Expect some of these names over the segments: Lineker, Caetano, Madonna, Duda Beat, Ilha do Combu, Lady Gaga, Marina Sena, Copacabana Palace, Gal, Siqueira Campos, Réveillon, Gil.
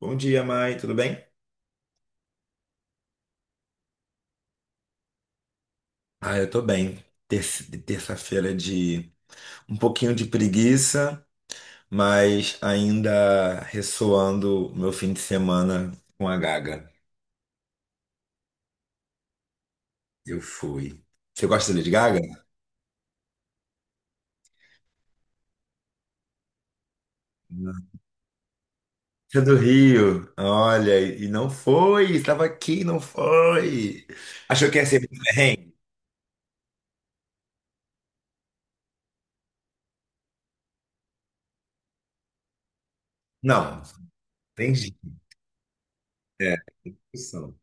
Bom dia, Mai, tudo bem? Ah, eu tô bem. Terça-feira é de um pouquinho de preguiça, mas ainda ressoando o meu fim de semana com a Gaga. Eu fui. Você gosta de Lady Gaga? Não. Você é do Rio. Olha, e não foi, estava aqui, não foi. Achou que ia ser muito perrengue? Não, tem jeito. É, opção.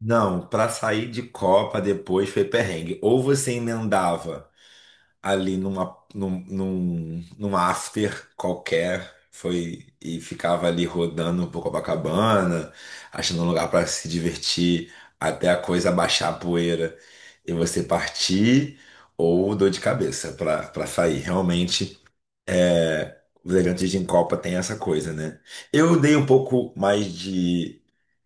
Não, para sair de Copa depois foi perrengue. Ou você emendava, ali num after qualquer. Foi e ficava ali rodando por Copacabana, achando um lugar para se divertir, até a coisa baixar a poeira e você partir, ou dor de cabeça para sair. Realmente, os elegantes de Copa tem essa coisa, né? Eu dei um pouco mais de,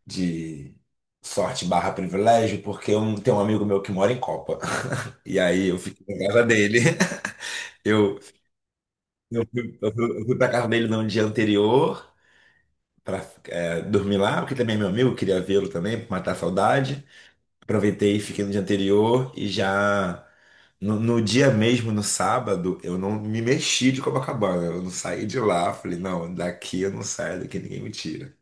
de sorte barra privilégio, porque eu tenho um amigo meu que mora em Copa. E aí eu fiquei na casa dele. Eu eu fui pra casa dele no dia anterior pra dormir lá, porque também é meu amigo, queria vê-lo também, pra matar a saudade. Aproveitei e fiquei no dia anterior e já no dia mesmo, no sábado, eu não me mexi de Copacabana, eu não saí de lá. Falei, não, daqui eu não saio, daqui ninguém me tira.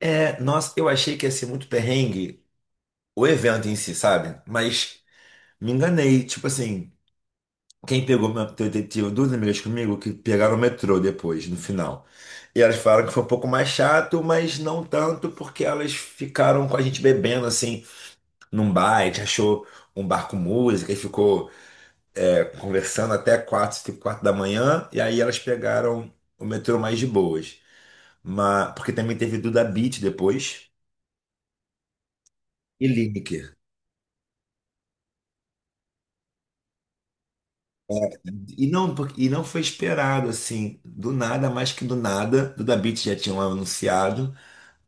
É, nossa, eu achei que ia ser muito perrengue o evento em si, sabe? Mas me enganei, tipo assim. Quem pegou uma detetive, duas amigas comigo, que pegaram o metrô depois, no final. E elas falaram que foi um pouco mais chato, mas não tanto, porque elas ficaram com a gente bebendo, assim, num bar. A gente achou um bar com música e ficou conversando até quatro, cinco, quatro da manhã. E aí elas pegaram o metrô mais de boas. Mas, porque também teve Duda Beat depois e Lineker. E não, e não foi esperado, assim, do nada, mais que do nada. Duda Beat já tinham anunciado.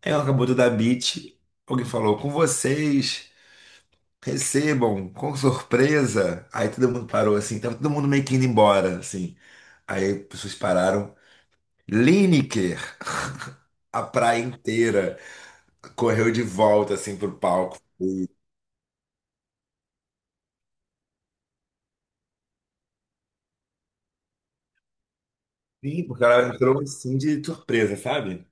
Ela acabou de dar beat. Alguém falou com vocês, recebam com surpresa. Aí todo mundo parou assim, tava todo mundo meio que indo embora, assim. Aí as pessoas pararam. Lineker, a praia inteira, correu de volta assim pro palco. Sim, porque ela entrou assim de surpresa, sabe?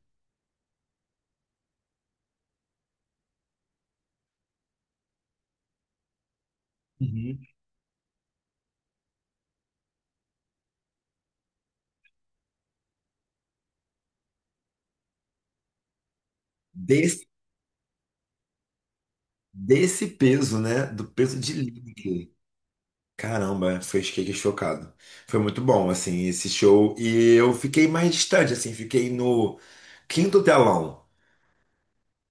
Uhum. Desse, desse peso, né? Do peso de Lineker. Caramba, foi fiquei chocado. Foi muito bom, assim, esse show. E eu fiquei mais distante, assim, fiquei no quinto telão.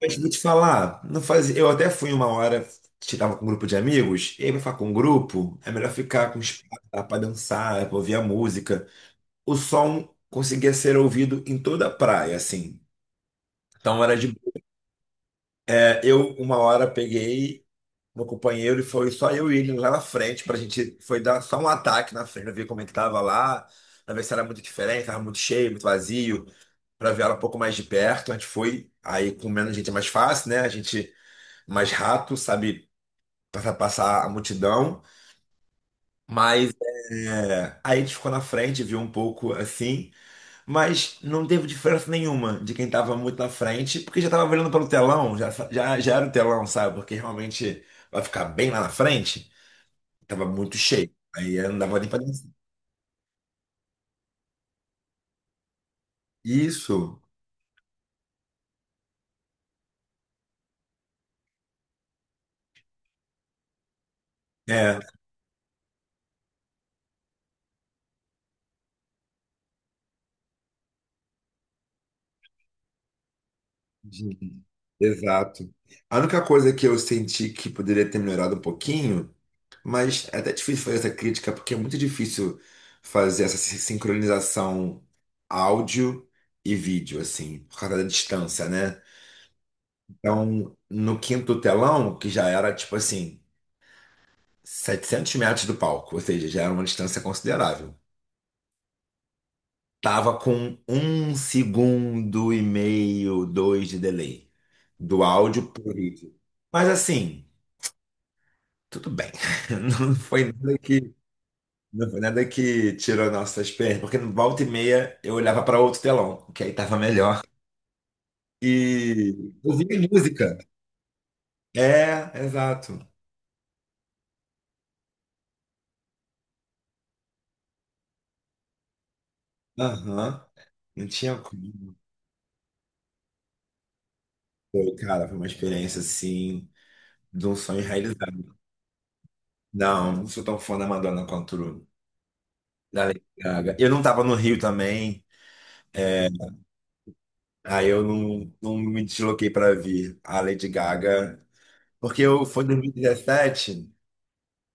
Mas vou te falar, não fazia. Eu até fui uma hora, estava com um grupo de amigos, e aí pra ficar com um grupo, é melhor ficar com espaço para dançar, pra ouvir a música. O som conseguia ser ouvido em toda a praia, assim. Então era de. Eu, uma hora, peguei, meu companheiro e foi só eu e ele lá na frente pra gente foi dar só um ataque na frente, ver como é que tava lá, pra ver se era muito diferente, tava muito cheio, muito vazio, pra ver ela um pouco mais de perto. A gente foi, aí com menos gente é mais fácil, né? A gente mais rápido, sabe passar a multidão, mas aí a gente ficou na frente, viu um pouco assim, mas não teve diferença nenhuma de quem tava muito na frente, porque já tava olhando pelo telão, já era o telão, sabe? Porque realmente vai ficar bem lá na frente. Tava muito cheio. Aí eu não dava nem pra dançar. Isso. É. Uhum. Exato. A única coisa que eu senti que poderia ter melhorado um pouquinho, mas é até difícil fazer essa crítica, porque é muito difícil fazer essa sincronização áudio e vídeo, assim, por causa da distância, né? Então, no quinto telão, que já era, tipo assim, 700 metros do palco, ou seja, já era uma distância considerável. Tava com um segundo e meio, dois de delay do áudio por vídeo. Mas assim, tudo bem. Não foi nada que, não foi nada que tirou nossas pernas, porque no volta e meia eu olhava para outro telão, que aí tava melhor. E ouvia música. É, exato. Aham. Não tinha como. Foi, cara, foi uma experiência assim, de um sonho realizado. Não, não sou tão fã da Madonna quanto da Lady Gaga. Eu não tava no Rio também, aí eu não me desloquei pra vir a Lady Gaga, porque eu foi em 2017,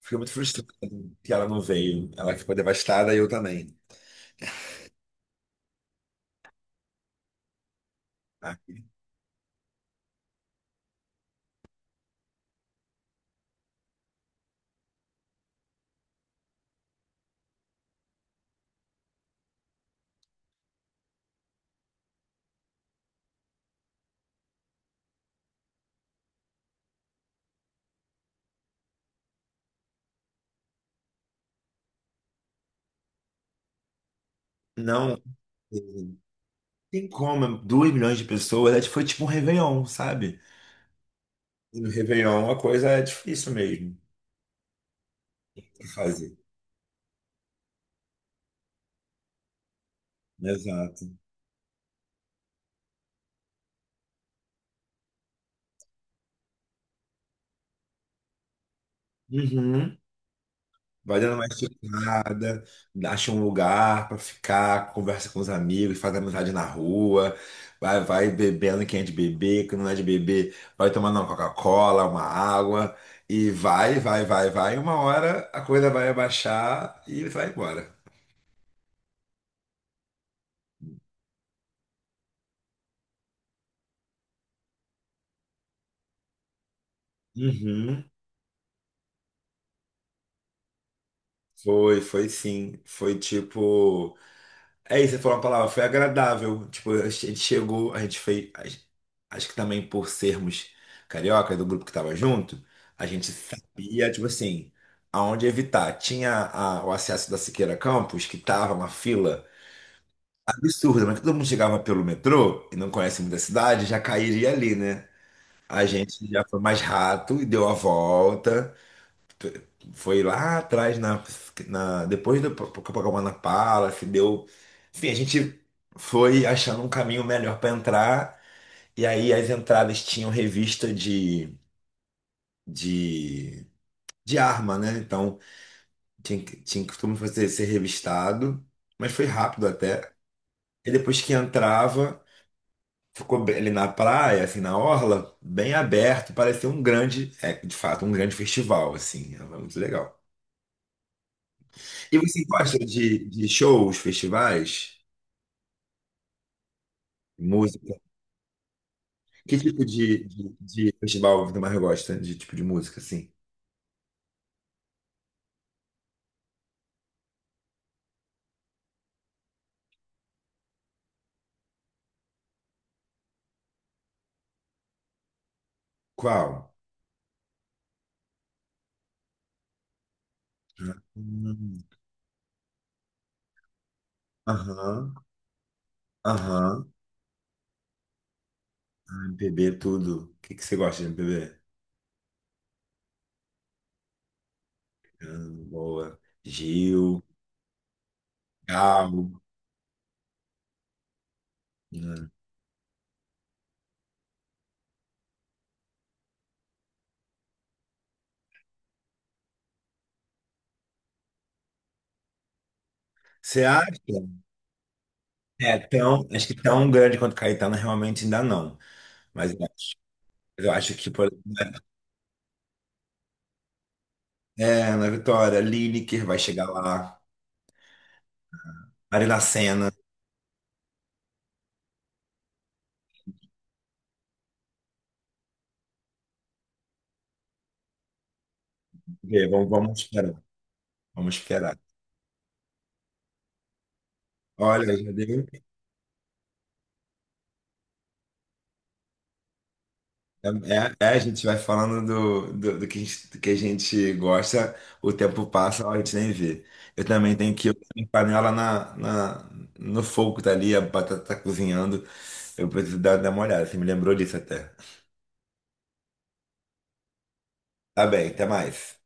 fiquei muito frustrado que ela não veio. Ela ficou devastada e eu também. Ah, não tem como, 2 milhões de pessoas, foi tipo um Réveillon, sabe? E no Réveillon a coisa é difícil mesmo de fazer. Exato. Uhum. Vai dando uma esticada, acha um lugar pra ficar, conversa com os amigos, faz amizade na rua, vai bebendo quem é de beber, quem não é de beber, vai tomando uma Coca-Cola, uma água, e vai, vai, vai, vai. Uma hora a coisa vai abaixar e vai embora. Uhum. Foi, foi sim. Foi tipo. É isso, você falou uma palavra, foi agradável. Tipo, a gente chegou, a gente fez. Acho que também por sermos carioca do grupo que tava junto, a gente sabia, tipo assim, aonde evitar. Tinha o acesso da Siqueira Campos, que tava uma fila absurda, mas todo mundo chegava pelo metrô e não conhece muita cidade, já cairia ali, né? A gente já foi mais rato e deu a volta foi lá atrás na, na depois do Copacabana Palace, deu, enfim, a gente foi achando um caminho melhor para entrar e aí as entradas tinham revista de, de arma, né? Então tinha que todo mundo fazer ser revistado, mas foi rápido até. E depois que entrava, ali na praia, assim, na orla, bem aberto, parecia um grande, é, de fato, um grande festival, assim, era muito legal. E você gosta de shows, festivais, música? Que tipo de festival você mais gosta de tipo de música, assim? Qual? Hum, Aham, aham, MPB tudo. O que, que você gosta de MPB? Boa. Gil, Gal. Hum. Você acha? É, tão, acho que tão grande quanto Caetano realmente ainda não. Mas eu acho que, na Vitória, Lineker vai chegar lá. Marina Sena. Vamos, vamos esperar. Vamos esperar. Olha, já deu. É, é, a gente vai falando do que a gente gosta, o tempo passa, a gente nem vê. Eu também tenho que ir com panela no fogo, tá ali, a batata tá cozinhando. Eu preciso dar uma olhada, você me lembrou disso até. Tá bem, até mais.